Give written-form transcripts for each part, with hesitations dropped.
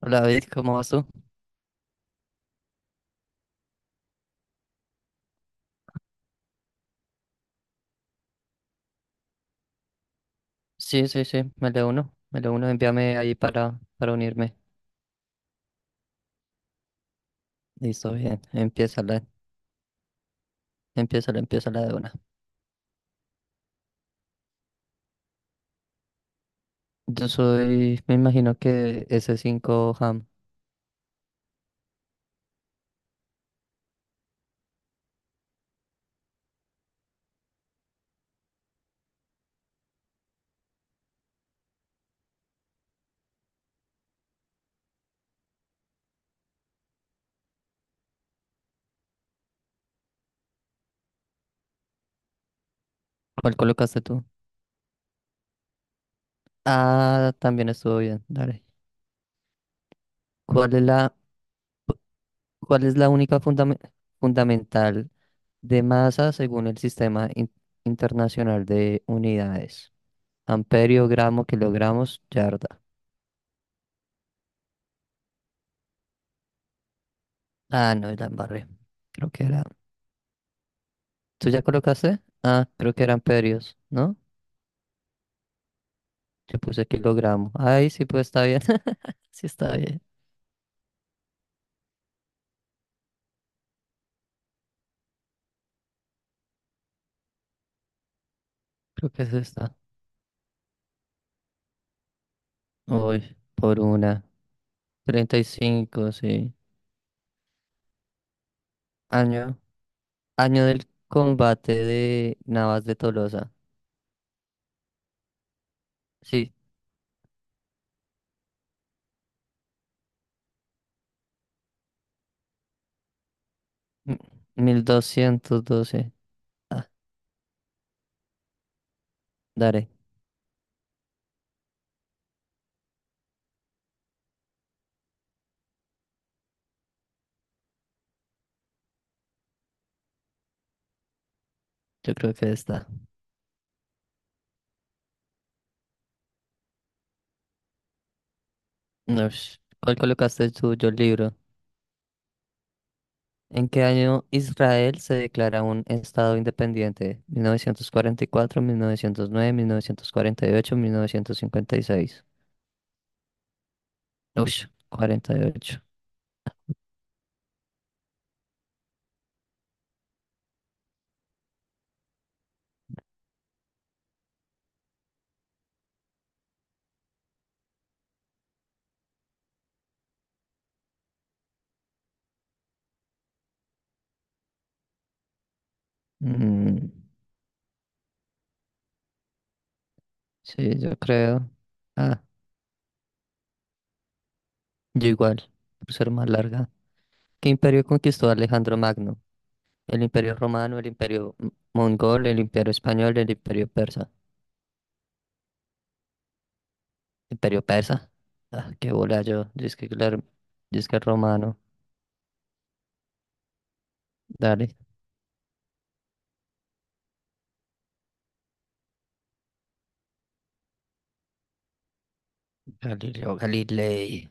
Hola David, ¿cómo vas tú? Sí, sí, sí, me le uno, envíame ahí para unirme. Listo, bien, empieza la de una. Yo soy, me imagino que ese cinco Ham. ¿Cuál colocaste tú? Ah, también estuvo bien, dale. ¿Cuál es la, cuál es la única fundamental de masa según el Sistema Internacional de Unidades? Amperio, gramo, kilogramos, yarda. Ah, no, la embarré. Creo que era. ¿Tú ya colocaste? Ah, creo que eran perios, ¿no? Yo puse kilogramos. Ahí sí, pues está bien. Sí está bien. Creo que es esta. Uy, por una. 35, sí. Año. Año del combate de Navas de Tolosa. Sí. m- 1212. Ah, daré. Yo creo que está. Ush. ¿Cuál colocaste tú, yo el libro? ¿En qué año Israel se declara un estado independiente? Mil novecientos cuarenta y cuatro, nueve, ocho, 1944, 1909, 1948, 1956. Uy, 48. Mm, sí, yo creo. Ah, yo igual, por ser más larga. ¿Qué imperio conquistó Alejandro Magno? El imperio romano, el imperio mongol, el imperio español, el imperio persa. ¿Imperio persa? Ah, qué bola yo. Yo es que, claro, yo es que romano. Dale. Galileo Galilei.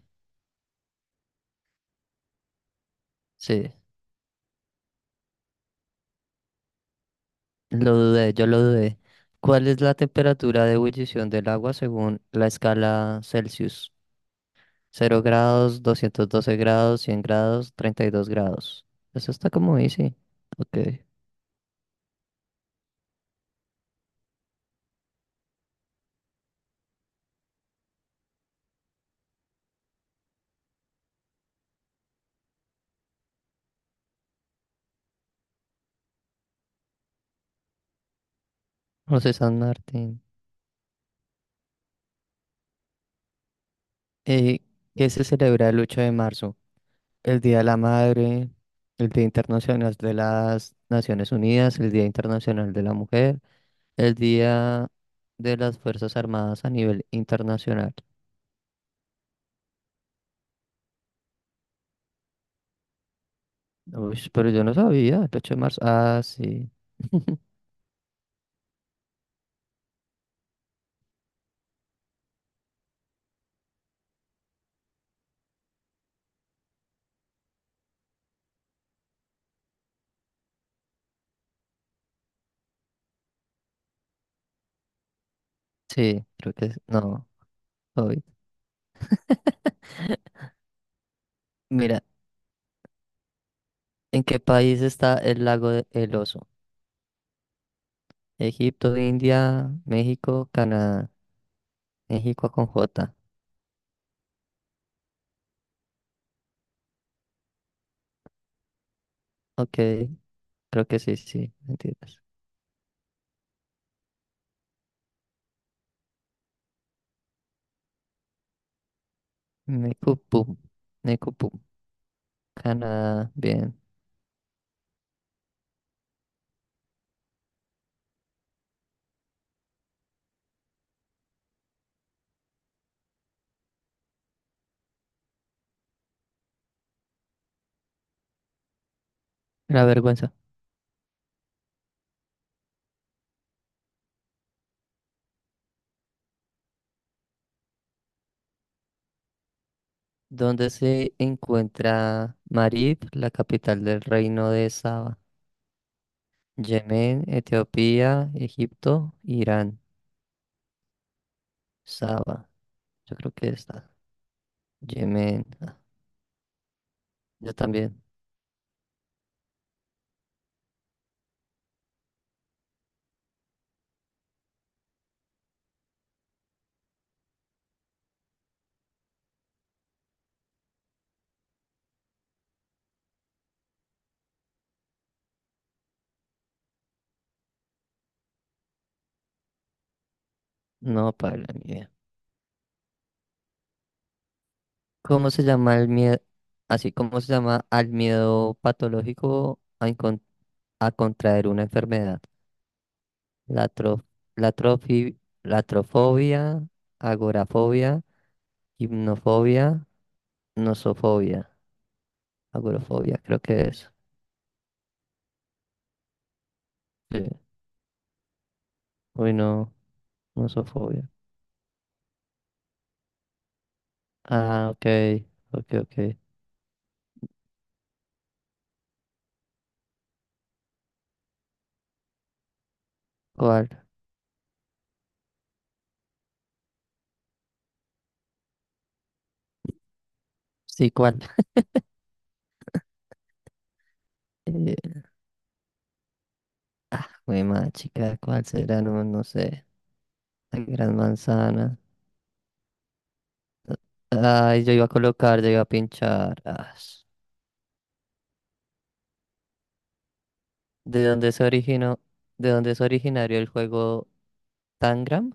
Sí. Lo dudé, yo lo dudé. ¿Cuál es la temperatura de ebullición del agua según la escala Celsius? 0 grados, 212 grados, 100 grados, 32 grados. Eso está como easy. Ok. José San Martín. Eh, ¿Qué se celebra el 8 de marzo? El Día de la Madre, el Día Internacional de las Naciones Unidas, el Día Internacional de la Mujer, el Día de las Fuerzas Armadas a nivel internacional. Uy, pero yo no sabía, el 8 de marzo. Ah, sí. Sí, creo que es. No, hoy. Mira, ¿en qué país está el lago de El Oso? Egipto, India, México, Canadá. México con J. Ok, creo que sí, sí, mentiras. Necupum, Necupum, Canadá, bien. La vergüenza. ¿Dónde se encuentra Marib, la capital del reino de Saba? Yemen, Etiopía, Egipto, Irán. Saba. Yo creo que está. Yemen. Ah, yo también. No, para ni idea. ¿Cómo se llama el miedo? Así, ¿cómo se llama al miedo patológico a contraer una enfermedad? La, tro- la, trofi- Latrofobia, agorafobia, hipnofobia, nosofobia. Agorafobia, creo que es. Sí. Uy, no, nosofobia. Ah, ok, ok, ok. ¿Cuál? Sí, ¿cuál? Eh, jue madre, chica, ¿cuál será? No, no sé. La gran manzana. Ay, yo iba a colocar, yo iba a pinchar. As. ¿De dónde se originó? ¿De dónde es originario el juego Tangram?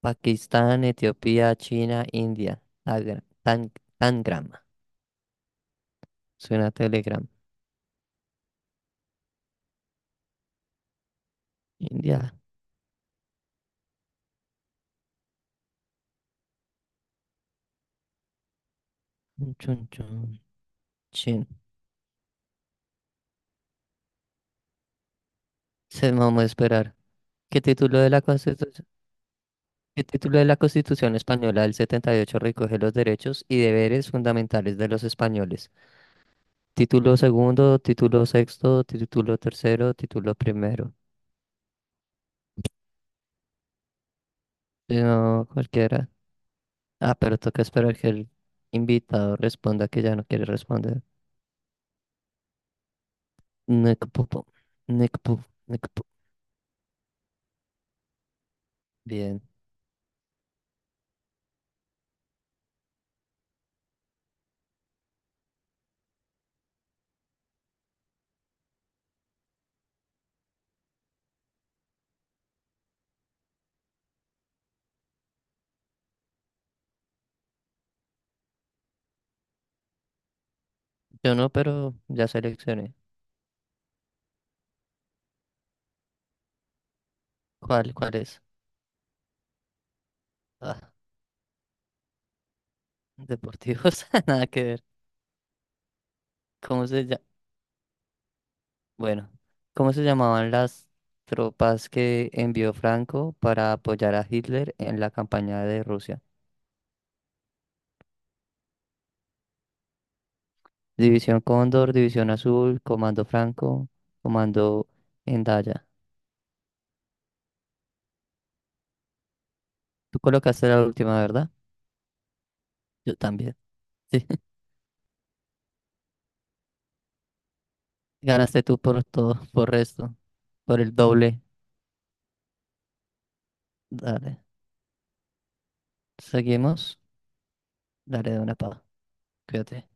Pakistán, Etiopía, China, India. Tangram. Suena a Telegram. India. Chun, chun. Chin. Se vamos a esperar. ¿Qué título de la Constitución? ¿Qué título de la Constitución Española del 78 recoge los derechos y deberes fundamentales de los españoles? Título segundo, título sexto, título tercero, título primero. Si No, cualquiera. Ah, pero toca esperar que el invitado responda que ya no quiere responder. Nick Pupo. Nick Pu- Nick Pu- Bien. Yo no, pero ya seleccioné. ¿Cuál es? Ah, deportivos, nada que ver. ¿Cómo se llama? Bueno, ¿cómo se llamaban las tropas que envió Franco para apoyar a Hitler en la campaña de Rusia? División Cóndor, División Azul, Comando Franco, Comando Endaya. Tú colocaste la última, ¿verdad? Yo también. Sí. Ganaste tú por todo, por resto, por el doble. Dale. Seguimos. Dale de una pava. Cuídate.